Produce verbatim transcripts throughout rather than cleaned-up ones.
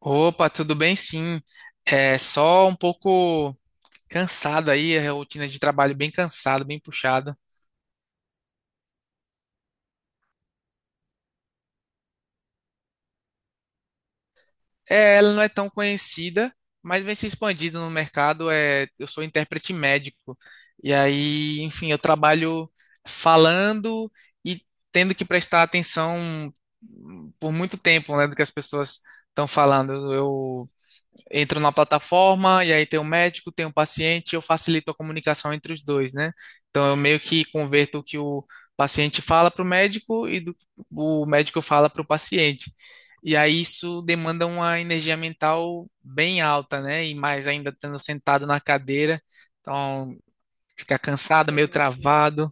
Opa, tudo bem? Sim. É só um pouco cansado aí, a rotina de trabalho bem cansada, bem puxada. É, ela não é tão conhecida, mas vem se expandindo no mercado. É, eu sou intérprete médico. E aí, enfim, eu trabalho falando e tendo que prestar atenção por muito tempo, né, do que as pessoas estão falando. Eu entro na plataforma e aí tem o médico, tem o paciente, eu facilito a comunicação entre os dois, né? Então eu meio que converto o que o paciente fala para o médico e do, o médico fala para o paciente. E aí isso demanda uma energia mental bem alta, né? E mais ainda estando sentado na cadeira, então fica cansado, meio travado.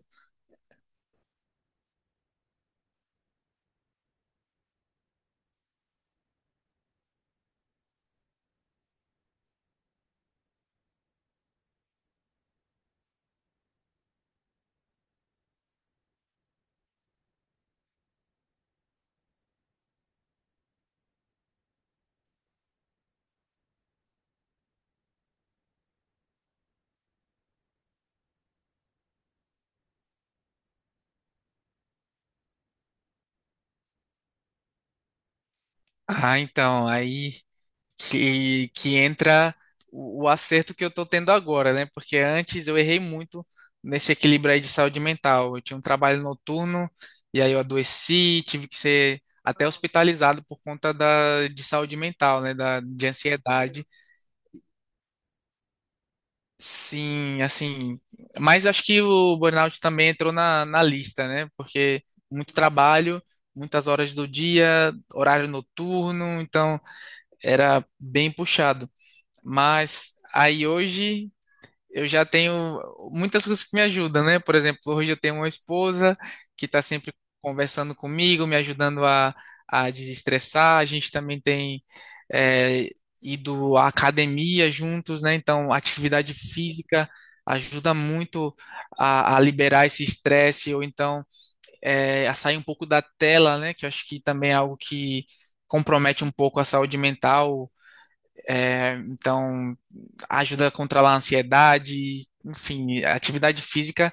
Ah, então, aí que, que entra o, o acerto que eu estou tendo agora, né? Porque antes eu errei muito nesse equilíbrio aí de saúde mental. Eu tinha um trabalho noturno e aí eu adoeci, tive que ser até hospitalizado por conta da, de saúde mental, né? Da, de ansiedade. Sim, assim. Mas acho que o burnout também entrou na, na lista, né? Porque muito trabalho, muitas horas do dia, horário noturno, então era bem puxado. Mas aí hoje eu já tenho muitas coisas que me ajudam, né? Por exemplo, hoje eu tenho uma esposa que está sempre conversando comigo, me ajudando a, a desestressar. A gente também tem é, ido à academia juntos, né? Então, atividade física ajuda muito a, a liberar esse estresse, ou então é, a sair um pouco da tela, né? Que eu acho que também é algo que compromete um pouco a saúde mental é, então, ajuda a controlar a ansiedade. Enfim, a atividade física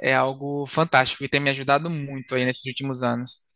é algo fantástico e tem me ajudado muito aí nesses últimos anos.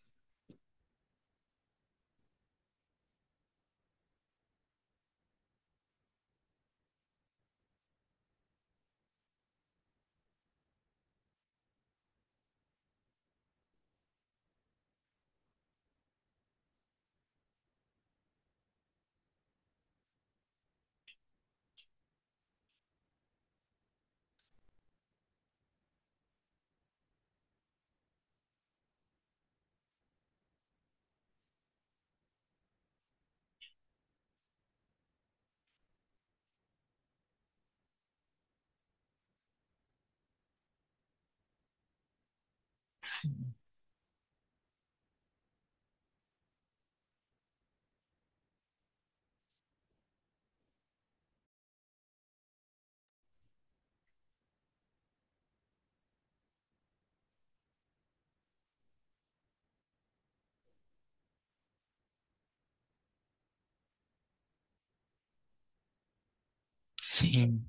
Sim,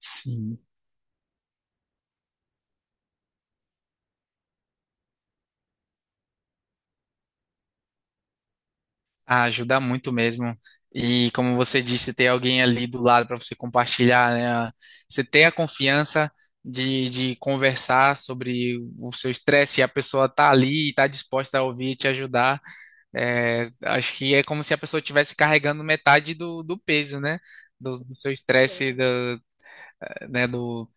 sim. Ah, ajuda muito mesmo. E como você disse, ter alguém ali do lado para você compartilhar, né? Você ter a confiança de, de conversar sobre o seu estresse e a pessoa tá ali e tá disposta a ouvir e te ajudar. É, acho que é como se a pessoa estivesse carregando metade do, do peso, né? Do, do seu estresse, do, eh, né? do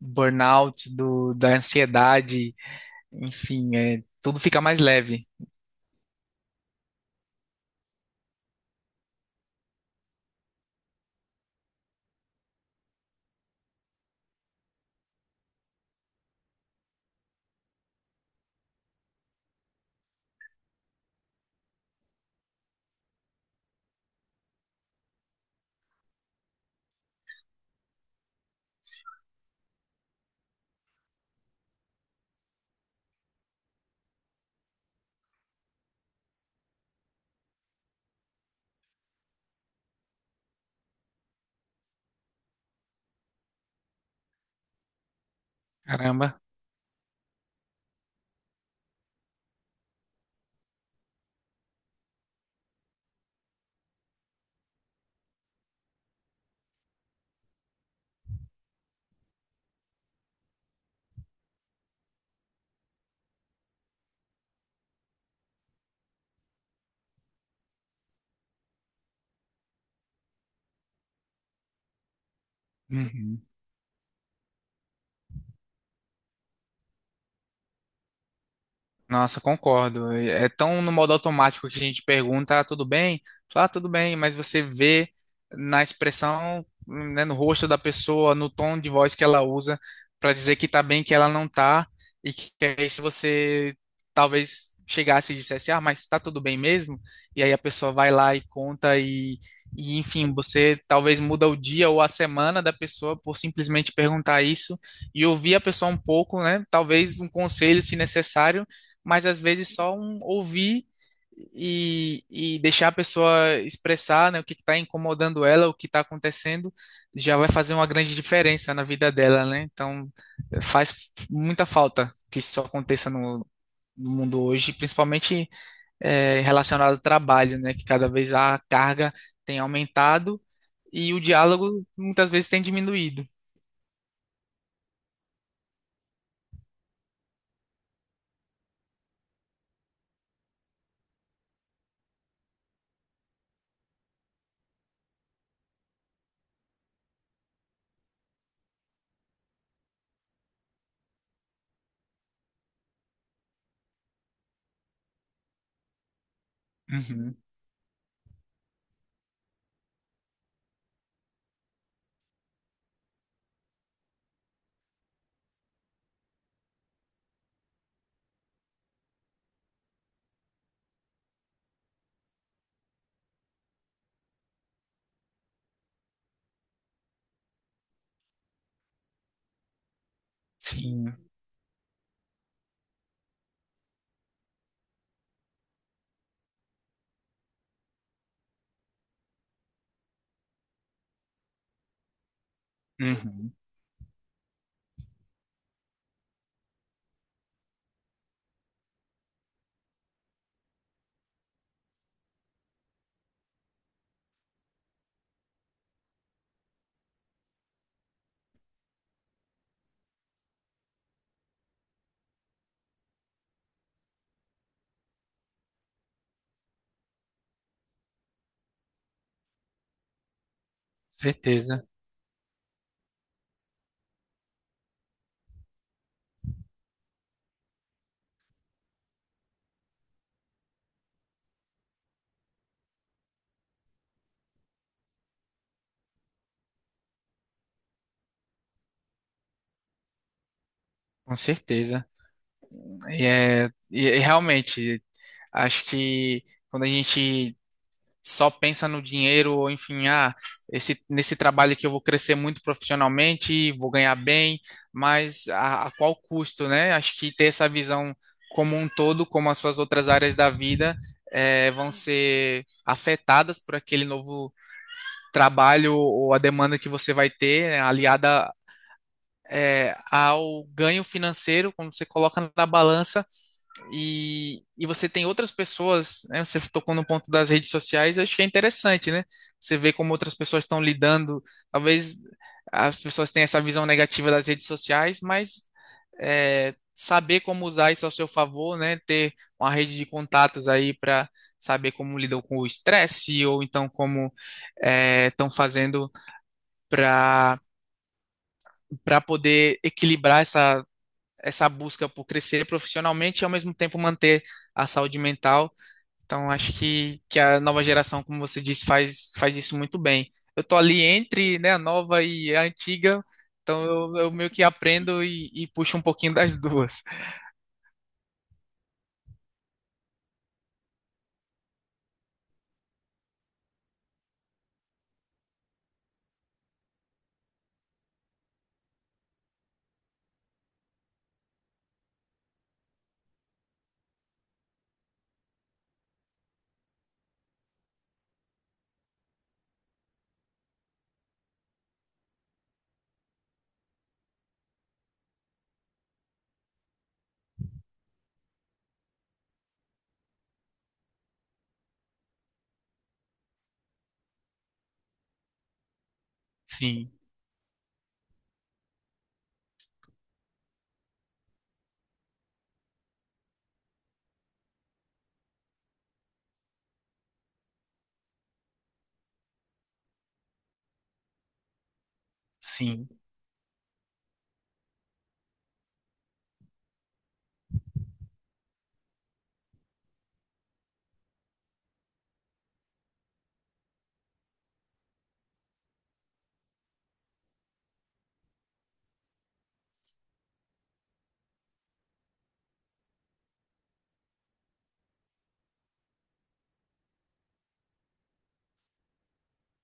burnout, do, da ansiedade, enfim, é, tudo fica mais leve. Caramba. Uhum. Nossa, concordo. É tão no modo automático que a gente pergunta, ah, tudo bem? Fala, "Ah, tudo bem", mas você vê na expressão, né, no rosto da pessoa, no tom de voz que ela usa para dizer que tá bem, que ela não tá, e que aí se você talvez chegasse e dissesse, ah, mas tá tudo bem mesmo? E aí a pessoa vai lá e conta e, e enfim, você talvez muda o dia ou a semana da pessoa por simplesmente perguntar isso e ouvir a pessoa um pouco, né? Talvez um conselho, se necessário, mas às vezes só um ouvir e, e deixar a pessoa expressar, né, o que está incomodando ela, o que está acontecendo, já vai fazer uma grande diferença na vida dela, né? Então faz muita falta que isso aconteça no, no mundo hoje, principalmente eh, relacionado ao trabalho, né, que cada vez a carga tem aumentado e o diálogo muitas vezes tem diminuído. Uhum, sim, uhum, certeza, com certeza. E, é, e e realmente, acho que quando a gente só pensa no dinheiro, ou enfim, ah, esse, nesse trabalho que eu vou crescer muito profissionalmente, vou ganhar bem, mas a, a qual custo, né? Acho que ter essa visão como um todo, como as suas outras áreas da vida, eh, vão ser afetadas por aquele novo trabalho ou a demanda que você vai ter, né, aliada, eh, ao ganho financeiro, quando você coloca na balança e, e você tem outras pessoas, né? Você tocou no ponto das redes sociais, eu acho que é interessante, né? Você vê como outras pessoas estão lidando. Talvez as pessoas tenham essa visão negativa das redes sociais, mas é, saber como usar isso ao seu favor, né? Ter uma rede de contatos aí para saber como lidam com o estresse ou então como estão fazendo para para poder equilibrar essa essa busca por crescer profissionalmente e ao mesmo tempo manter a saúde mental, então, acho que, que a nova geração, como você disse, faz, faz isso muito bem. Eu tô ali entre, né, a nova e a antiga, então eu, eu meio que aprendo e, e puxo um pouquinho das duas. Sim, sim.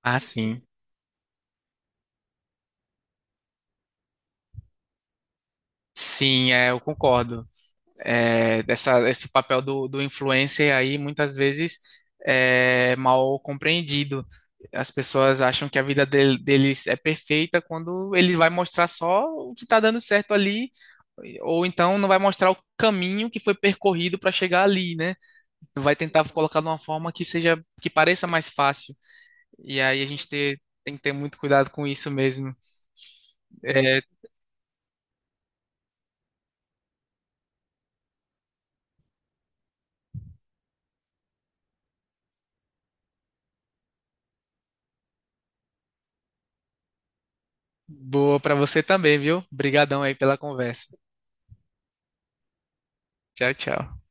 Ah, sim. Sim, é, eu concordo. É, dessa, esse papel do, do influencer aí, muitas vezes, é mal compreendido. As pessoas acham que a vida del- deles é perfeita quando ele vai mostrar só o que está dando certo ali. Ou então não vai mostrar o caminho que foi percorrido para chegar ali, né? Vai tentar colocar de uma forma que seja, que pareça mais fácil. E aí a gente ter- tem que ter muito cuidado com isso mesmo. É, boa para você também, viu? Obrigadão aí pela conversa. Tchau, tchau.